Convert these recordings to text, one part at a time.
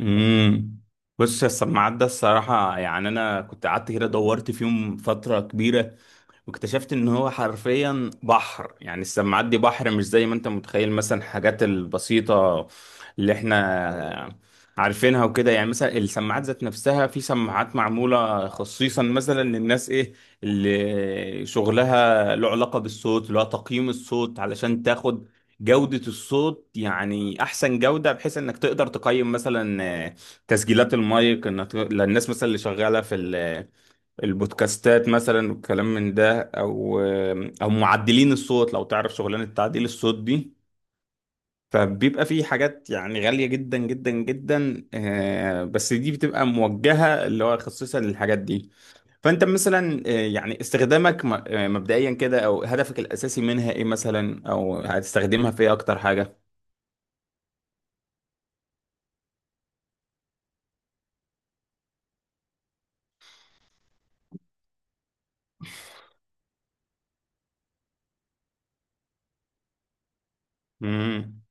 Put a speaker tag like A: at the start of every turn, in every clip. A: امم بص يا السماعات ده الصراحة، يعني أنا كنت قعدت كده دورت فيهم فترة كبيرة واكتشفت إن هو حرفيا بحر. يعني السماعات دي بحر، مش زي ما أنت متخيل، مثلا الحاجات البسيطة اللي إحنا عارفينها وكده. يعني مثلا السماعات ذات نفسها، في سماعات معمولة خصيصا مثلا للناس، إيه، اللي شغلها له علاقة بالصوت، اللي هو تقييم الصوت، علشان تاخد جودة الصوت، يعني أحسن جودة، بحيث إنك تقدر تقيم مثلا تسجيلات المايك، إنك للناس مثلا اللي شغالة في البودكاستات مثلا والكلام من ده، أو معدلين الصوت، لو تعرف شغلانة تعديل الصوت دي. فبيبقى في حاجات يعني غالية جدا جدا جدا، بس دي بتبقى موجهة اللي هو خصيصا للحاجات دي. فأنت مثلا، يعني استخدامك مبدئيا كده، أو هدفك الأساسي منها إيه مثلا، أو هتستخدمها في إيه أكتر حاجة؟ امم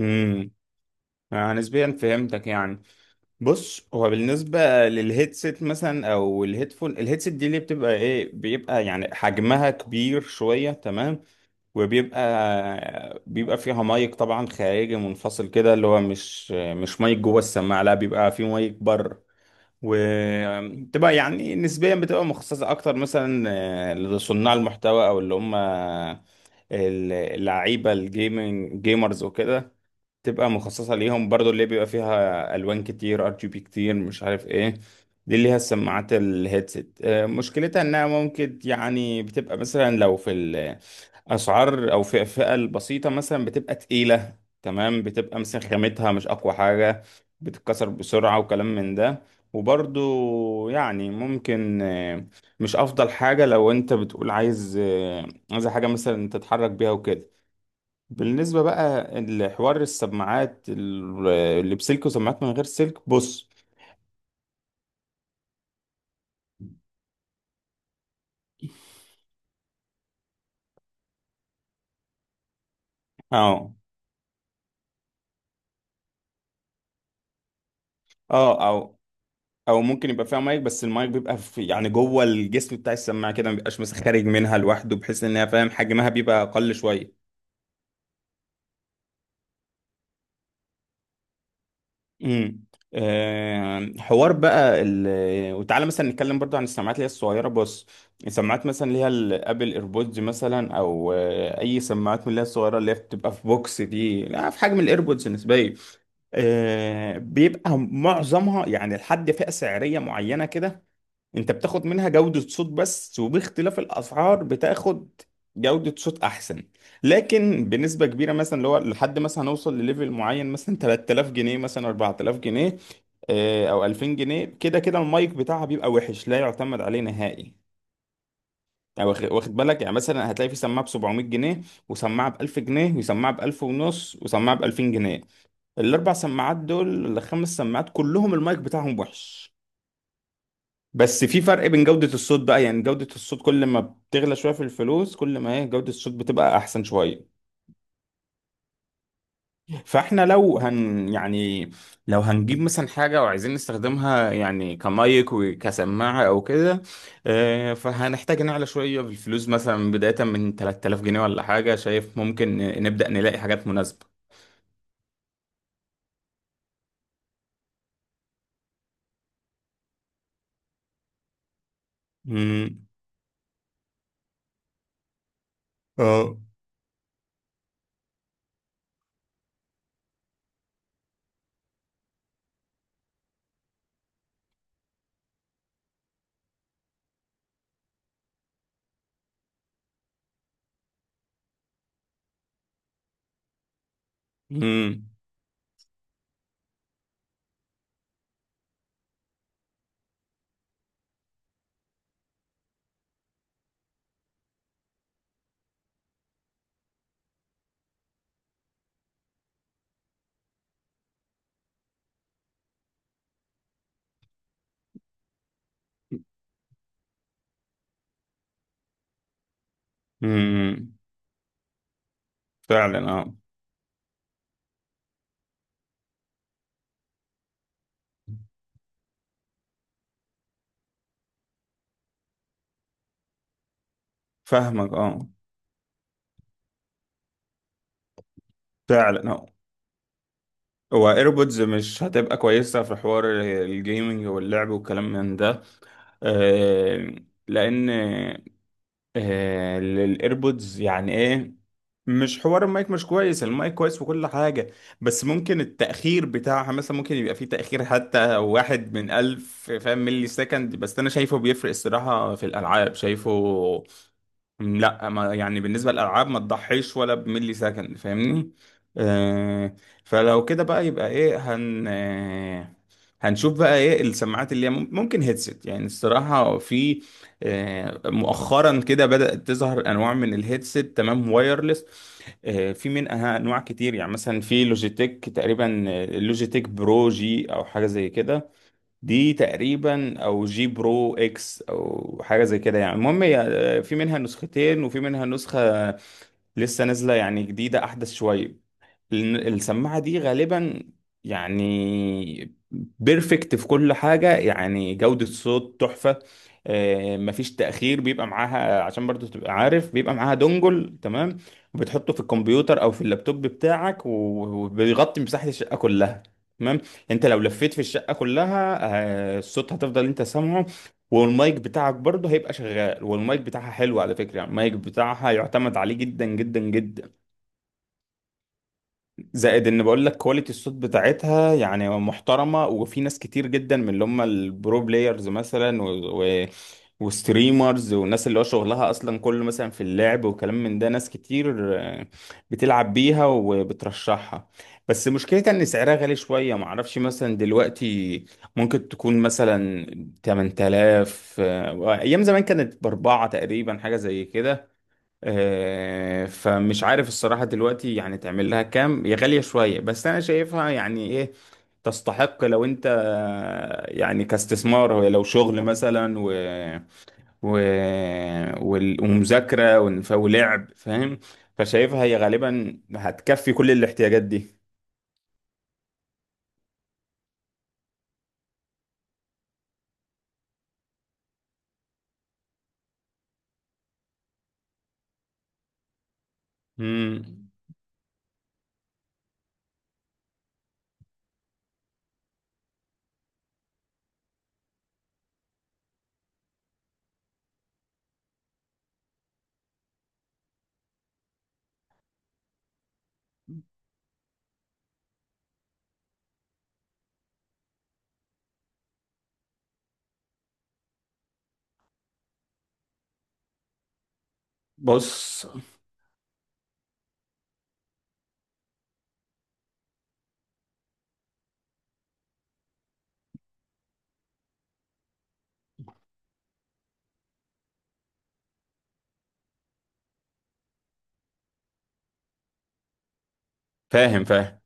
A: امم آه، نسبيا فهمتك يعني. بص، هو بالنسبه للهيدسيت مثلا او الهيدفون، الهيدسيت دي اللي بتبقى ايه، بيبقى يعني حجمها كبير شويه، تمام، وبيبقى بيبقى فيها مايك طبعا خارجي منفصل كده، اللي هو مش مايك جوه السماعه، لا بيبقى فيه مايك بره. وتبقى يعني نسبيا بتبقى مخصصه اكتر مثلا لصناع المحتوى، او اللي هم اللعيبه، الجيمنج، جيمرز وكده، تبقى مخصصة ليهم، برضو اللي بيبقى فيها ألوان كتير، RGB كتير، مش عارف ايه. دي اللي هي السماعات الهيدسет، مشكلتها انها ممكن يعني بتبقى مثلا لو في الأسعار أو في الفئة البسيطة مثلا بتبقى تقيلة، تمام، بتبقى مثلا خامتها مش أقوى حاجة، بتتكسر بسرعة، وكلام من ده. وبرضو يعني ممكن، مش أفضل حاجة لو أنت بتقول عايز حاجة مثلا تتحرك بيها وكده. بالنسبة بقى لحوار السماعات اللي بسلك وسماعات من غير سلك، بص. اه، اه، او ممكن يبقى فيها مايك، بس المايك بيبقى في يعني جوه الجسم بتاع السماعة كده، ما بيبقاش مثلا خارج منها لوحده، بحيث انها، فاهم، حجمها بيبقى اقل شوية. امم حوار بقى وتعالى مثلا نتكلم برضو عن السماعات اللي هي الصغيره. بص، السماعات مثلا اللي هي الابل ايربودز مثلا، او اي سماعات من اللي هي الصغيره، اللي هي بتبقى في بوكس، دي لا في حجم الايربودز نسبيا، بيبقى معظمها يعني لحد فئه سعريه معينه كده، انت بتاخد منها جودة صوت بس، وباختلاف الاسعار بتاخد جودة صوت احسن. لكن بنسبة كبيرة، مثلا اللي هو لحد مثلا هنوصل لليفل معين مثلا 3000 جنيه مثلا 4000 جنيه، او 2000 جنيه، كده كده المايك بتاعها بيبقى وحش، لا يعتمد عليه نهائي. يعني واخد بالك، يعني مثلا هتلاقي في سماعة ب 700 جنيه، وسماعة ب 1000 جنيه، وسماعة ب 1000 ونص، وسماعة ب 2000 جنيه، الاربع سماعات دول، الخمس سماعات، كلهم المايك بتاعهم وحش. بس في فرق بين جودة الصوت بقى، يعني جودة الصوت كل ما بتغلى شوية في الفلوس، كل ما ايه، جودة الصوت بتبقى أحسن شوية. فاحنا لو هن يعني لو هنجيب مثلا حاجة وعايزين نستخدمها يعني كمايك وكسماعة أو كده، فهنحتاج نعلى شوية في الفلوس، مثلا بداية من 3000 جنيه ولا حاجة، شايف ممكن نبدأ نلاقي حاجات مناسبة. مم. اه. مم. مم. فعلا، اه. فاهمك، اه. فعلا، اه. هو ايربودز مش هتبقى كويسة في حوار الجيمنج واللعب والكلام من ده، آه، لان الايربودز يعني ايه، مش حوار المايك مش كويس، المايك كويس وكل حاجة، بس ممكن التأخير بتاعها، مثلا ممكن يبقى فيه تأخير حتى واحد من ألف، فاهم، ملي سكند، بس أنا شايفه بيفرق الصراحة في الألعاب، شايفه. لا، ما يعني بالنسبة للألعاب ما تضحيش ولا بملي سكند، فاهمني؟ آه فلو كده بقى، يبقى ايه، هن آه هنشوف بقى ايه السماعات اللي هي ممكن هيدسيت. يعني الصراحة في مؤخرا كده بدأت تظهر انواع من الهيدسيت، تمام، وايرلس. في منها انواع كتير، يعني مثلا في لوجيتك، تقريبا لوجيتك برو جي او حاجه زي كده، دي تقريبا او جي برو اكس او حاجه زي كده، يعني المهم هي، آه، في منها نسختين وفي منها نسخه لسه نازله، يعني جديده احدث شويه. لأن السماعة دي غالبا، يعني بيرفكت في كل حاجة، يعني جودة صوت تحفة، مفيش تأخير بيبقى معاها، عشان برضو تبقى عارف بيبقى معاها دونجل، تمام، وبتحطه في الكمبيوتر أو في اللابتوب بتاعك، وبيغطي مساحة الشقة كلها، تمام. انت لو لفيت في الشقة كلها، الصوت هتفضل انت سامعه، والمايك بتاعك برضه هيبقى شغال، والمايك بتاعها حلو على فكرة، يعني المايك بتاعها يعتمد عليه جدا جدا جدا. زائد، ان بقول لك كواليتي الصوت بتاعتها يعني محترمه، وفي ناس كتير جدا من اللي هم البرو بلايرز مثلا، و... وستريمرز، والناس اللي هو شغلها اصلا كله مثلا في اللعب وكلام من ده، ناس كتير بتلعب بيها وبترشحها. بس مشكلتها ان سعرها غالي شويه، معرفش مثلا دلوقتي ممكن تكون مثلا 8000، ايام زمان كانت باربعه تقريبا، حاجه زي كده، فمش عارف الصراحة دلوقتي يعني تعمل لها كام، هي غالية شوية، بس أنا شايفها يعني إيه، تستحق لو أنت يعني كاستثمار، هو لو شغل مثلا و... ومذاكرة ولعب، فاهم، فشايفها هي غالبا هتكفي كل الاحتياجات دي. مم. بص، فاهم فاهم.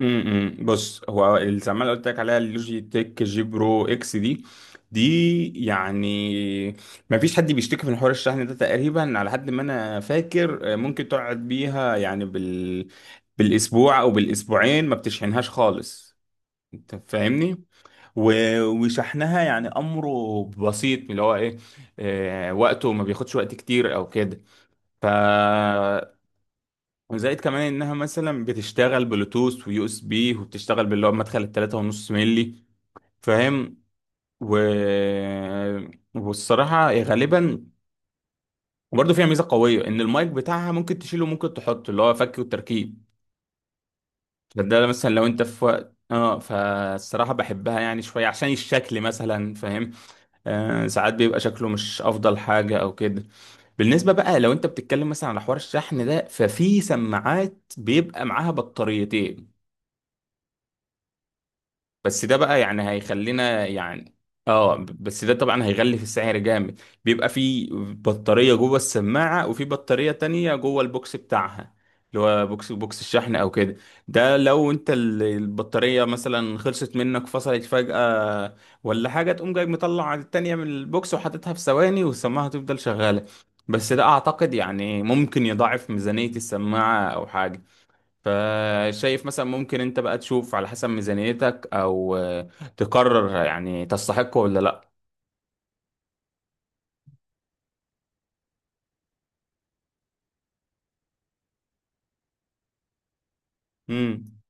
A: بص، هو السماعه اللي قلت لك عليها، اللوجي تك جي برو اكس دي يعني ما فيش حد بيشتكي من حوار الشحن ده تقريبا على حد ما انا فاكر، ممكن تقعد بيها يعني بالاسبوع او بالاسبوعين ما بتشحنهاش خالص، انت فاهمني، وشحنها يعني امره بسيط اللي هو ايه، وقته ما بياخدش وقت كتير او كده. ف وزائد كمان انها مثلا بتشتغل بلوتوث ويو اس بي، وبتشتغل باللي هو مدخل 3.5 ملي، فاهم، و... والصراحة هي غالبا وبرضه فيها ميزة قوية، ان المايك بتاعها ممكن تشيله وممكن تحطه اللي هو فك والتركيب. فده مثلا لو انت في وقت فالصراحة بحبها يعني شوية عشان الشكل مثلا، فاهم، ساعات بيبقى شكله مش افضل حاجة او كده. بالنسبة بقى لو انت بتتكلم مثلا على حوار الشحن ده، ففي سماعات بيبقى معاها بطاريتين، بس ده بقى يعني هيخلينا بس ده طبعا هيغلي في السعر جامد، بيبقى في بطارية جوه السماعة وفي بطارية تانية جوه البوكس بتاعها، اللي هو بوكس الشحن او كده. ده لو انت البطارية مثلا خلصت منك فصلت فجأة ولا حاجة، تقوم جاي مطلع التانية من البوكس وحاططها في ثواني، والسماعة هتفضل شغالة. بس ده اعتقد يعني ممكن يضاعف ميزانية السماعة او حاجة، فشايف مثلا ممكن انت بقى تشوف على حسب ميزانيتك، او تقرر يعني تستحقه ولا لا امم